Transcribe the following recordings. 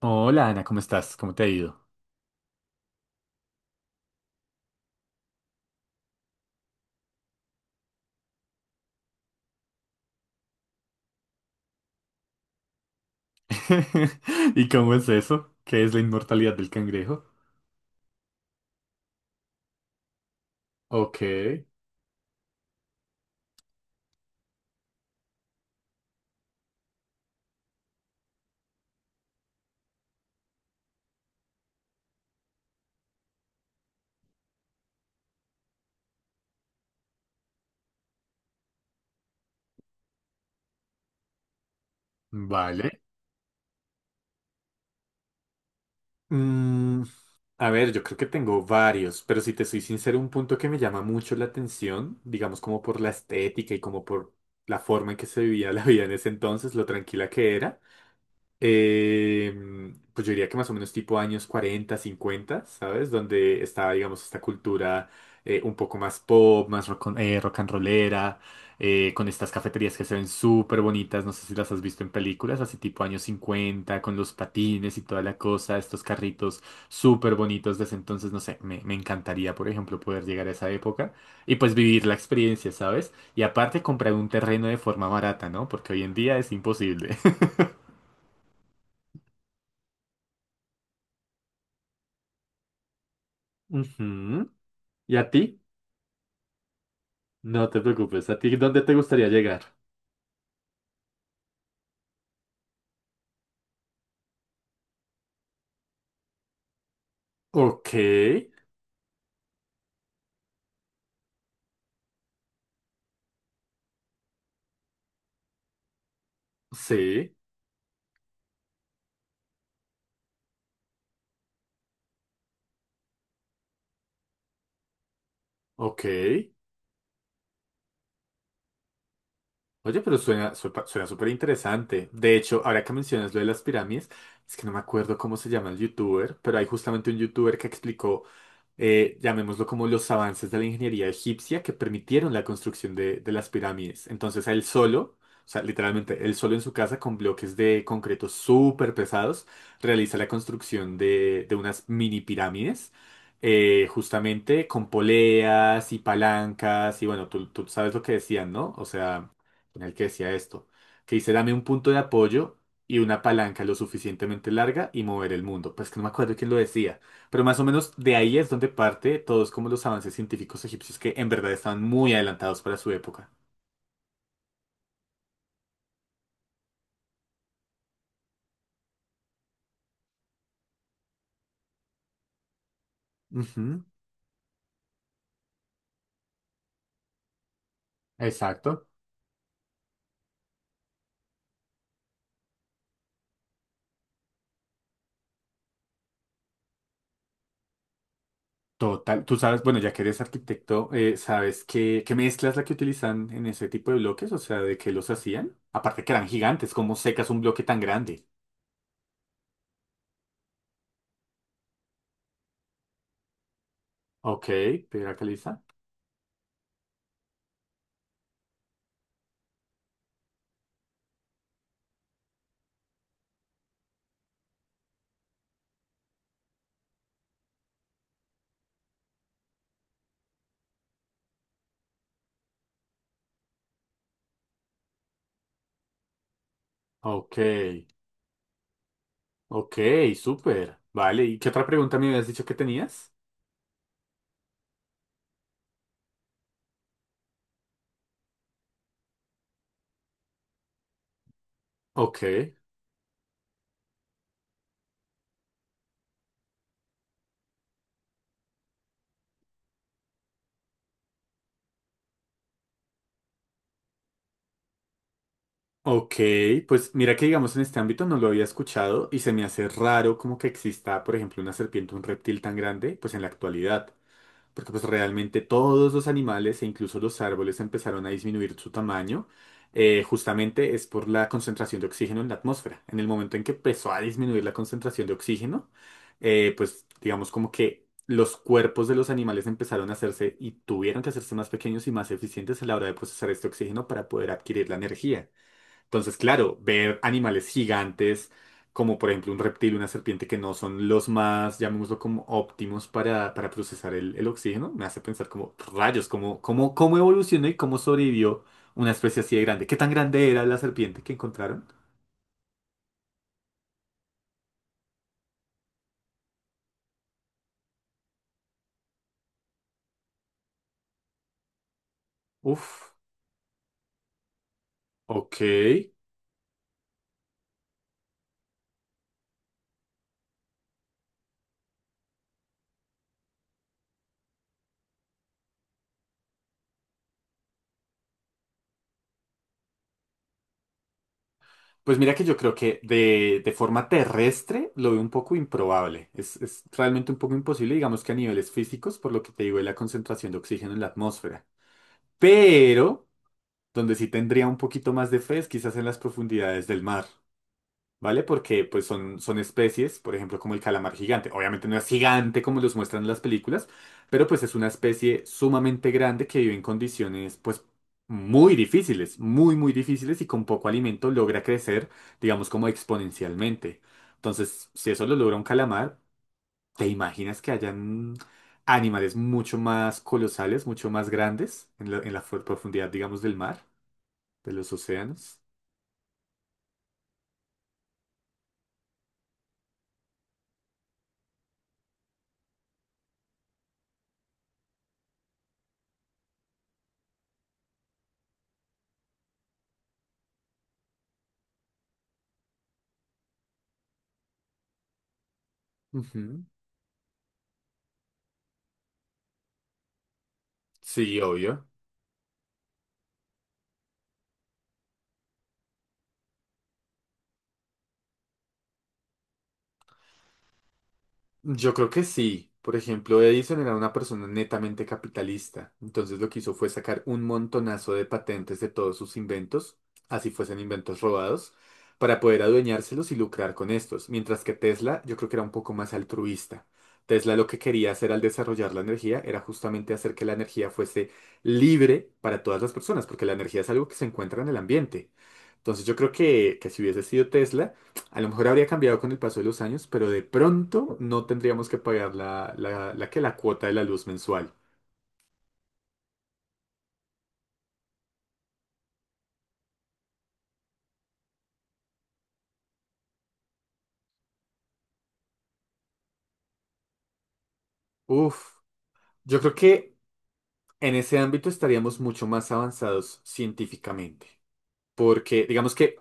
Hola Ana, ¿cómo estás? ¿Cómo te ha ido? ¿Y cómo es eso? ¿Qué es la inmortalidad del cangrejo? Ok, vale. Mm, a ver, yo creo que tengo varios, pero si te soy sincero, un punto que me llama mucho la atención, digamos como por la estética y como por la forma en que se vivía la vida en ese entonces, lo tranquila que era. Eh, pues yo diría que más o menos tipo años 40 cincuenta, ¿sabes? Donde estaba, digamos, esta cultura un poco más pop, más rock, rock and rollera, con estas cafeterías que se ven súper bonitas. No sé si las has visto en películas, así tipo años 50 con los patines y toda la cosa, estos carritos súper bonitos desde entonces. No sé, me encantaría, por ejemplo, poder llegar a esa época y pues vivir la experiencia, ¿sabes? Y aparte comprar un terreno de forma barata, ¿no? Porque hoy en día es imposible. ¿Y a ti? No te preocupes. ¿A ti dónde te gustaría llegar? Ok, sí, ok. Oye, pero suena, suena súper interesante. De hecho, ahora que mencionas lo de las pirámides, es que no me acuerdo cómo se llama el youtuber, pero hay justamente un youtuber que explicó, llamémoslo como los avances de la ingeniería egipcia que permitieron la construcción de las pirámides. Entonces, a él solo, o sea, literalmente, él solo en su casa con bloques de concreto súper pesados, realiza la construcción de unas mini pirámides, justamente con poleas y palancas. Y bueno, tú sabes lo que decían, ¿no? O sea, en el que decía esto, que dice, dame un punto de apoyo y una palanca lo suficientemente larga y mover el mundo. Pues que no me acuerdo quién lo decía, pero más o menos de ahí es donde parte todos como los avances científicos egipcios que en verdad estaban muy adelantados para su época. Ujú, exacto. Total. Tú sabes, bueno, ya que eres arquitecto, ¿sabes qué, mezcla es la que utilizan en ese tipo de bloques? O sea, ¿de qué los hacían? Aparte que eran gigantes, ¿cómo secas un bloque tan grande? Ok, piedra caliza. Ok. Ok, súper. Vale, ¿y qué otra pregunta me habías dicho que tenías? Ok, ok, pues mira que digamos en este ámbito no lo había escuchado y se me hace raro como que exista, por ejemplo, una serpiente, un reptil tan grande, pues en la actualidad. Porque pues realmente todos los animales e incluso los árboles empezaron a disminuir su tamaño, justamente es por la concentración de oxígeno en la atmósfera. En el momento en que empezó a disminuir la concentración de oxígeno, pues digamos como que los cuerpos de los animales empezaron a hacerse y tuvieron que hacerse más pequeños y más eficientes a la hora de procesar este oxígeno para poder adquirir la energía. Entonces, claro, ver animales gigantes, como por ejemplo un reptil, una serpiente, que no son los más, llamémoslo como óptimos para, procesar el, oxígeno, me hace pensar como rayos, cómo, cómo, evolucionó y cómo sobrevivió una especie así de grande. ¿Qué tan grande era la serpiente que encontraron? Uf, ok. Pues mira que yo creo que de forma terrestre lo veo un poco improbable. Es realmente un poco imposible, digamos que a niveles físicos, por lo que te digo de la concentración de oxígeno en la atmósfera. Pero... donde sí tendría un poquito más de fe es quizás en las profundidades del mar, ¿vale? Porque pues son, especies, por ejemplo, como el calamar gigante. Obviamente no es gigante como los muestran en las películas, pero pues es una especie sumamente grande que vive en condiciones pues muy difíciles, muy, muy difíciles, y con poco alimento logra crecer, digamos, como exponencialmente. Entonces, si eso lo logra un calamar, ¿te imaginas que hayan animales mucho más colosales, mucho más grandes en la, profundidad, digamos, del mar? ¿De los océanos? Ujú. Sí, obvio. Yo creo que sí. Por ejemplo, Edison era una persona netamente capitalista. Entonces lo que hizo fue sacar un montonazo de patentes de todos sus inventos, así fuesen inventos robados, para poder adueñárselos y lucrar con estos. Mientras que Tesla, yo creo que era un poco más altruista. Tesla lo que quería hacer al desarrollar la energía era justamente hacer que la energía fuese libre para todas las personas, porque la energía es algo que se encuentra en el ambiente. Entonces yo creo que, si hubiese sido Tesla, a lo mejor habría cambiado con el paso de los años, pero de pronto no tendríamos que pagar la, la, que la cuota de la luz mensual. Uf, yo creo que en ese ámbito estaríamos mucho más avanzados científicamente. Porque digamos que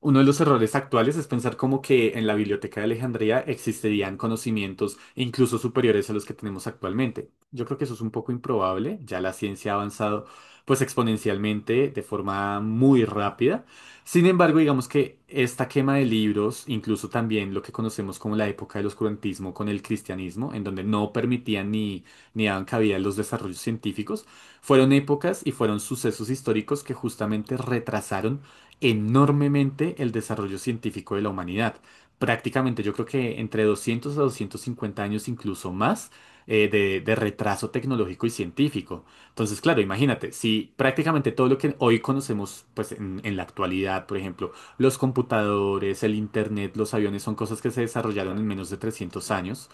uno de los errores actuales es pensar como que en la Biblioteca de Alejandría existirían conocimientos incluso superiores a los que tenemos actualmente. Yo creo que eso es un poco improbable, ya la ciencia ha avanzado pues exponencialmente de forma muy rápida. Sin embargo, digamos que esta quema de libros, incluso también lo que conocemos como la época del oscurantismo con el cristianismo, en donde no permitían ni, daban cabida a los desarrollos científicos, fueron épocas y fueron sucesos históricos que justamente retrasaron enormemente el desarrollo científico de la humanidad. Prácticamente yo creo que entre 200 a 250 años, incluso más, de retraso tecnológico y científico. Entonces, claro, imagínate, si prácticamente todo lo que hoy conocemos, pues en, la actualidad, por ejemplo, los computadores, el internet, los aviones son cosas que se desarrollaron en menos de 300 años.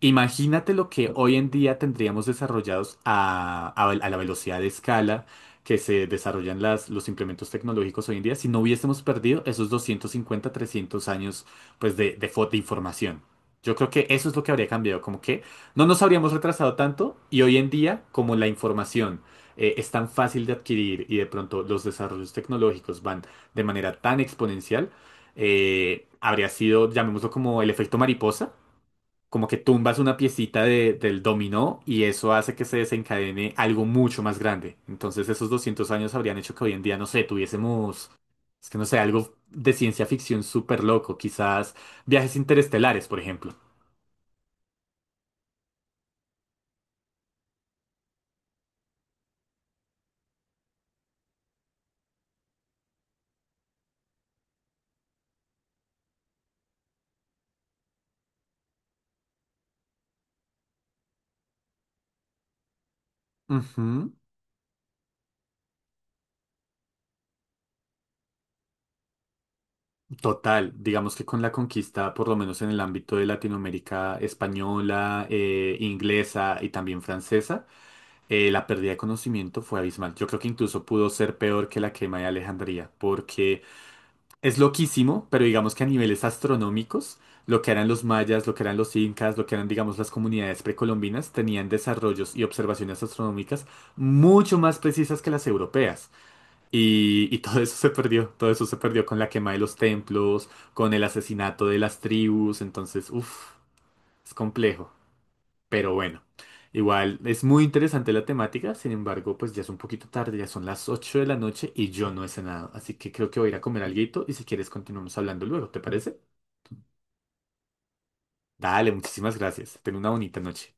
Imagínate lo que hoy en día tendríamos desarrollados a, a la velocidad de escala que se desarrollan las, los implementos tecnológicos hoy en día si no hubiésemos perdido esos 250, 300 años pues, de, de información. Yo creo que eso es lo que habría cambiado, como que no nos habríamos retrasado tanto y hoy en día, como la información es tan fácil de adquirir y de pronto los desarrollos tecnológicos van de manera tan exponencial, habría sido, llamémoslo como el efecto mariposa, como que tumbas una piecita del dominó y eso hace que se desencadene algo mucho más grande. Entonces esos 200 años habrían hecho que hoy en día, no sé, tuviésemos, es que no sé, algo de ciencia ficción súper loco, quizás viajes interestelares, por ejemplo. Ujú. Total, digamos que con la conquista, por lo menos en el ámbito de Latinoamérica española, inglesa y también francesa, la pérdida de conocimiento fue abismal. Yo creo que incluso pudo ser peor que la quema de Alejandría, porque es loquísimo, pero digamos que a niveles astronómicos, lo que eran los mayas, lo que eran los incas, lo que eran, digamos, las comunidades precolombinas, tenían desarrollos y observaciones astronómicas mucho más precisas que las europeas. Y todo eso se perdió, todo eso se perdió con la quema de los templos, con el asesinato de las tribus. Entonces, uff, es complejo. Pero bueno, igual es muy interesante la temática. Sin embargo, pues ya es un poquito tarde, ya son las 8 de la noche y yo no he cenado, así que creo que voy a ir a comer alguito y si quieres continuamos hablando luego, ¿te parece? Dale, muchísimas gracias. Ten una bonita noche.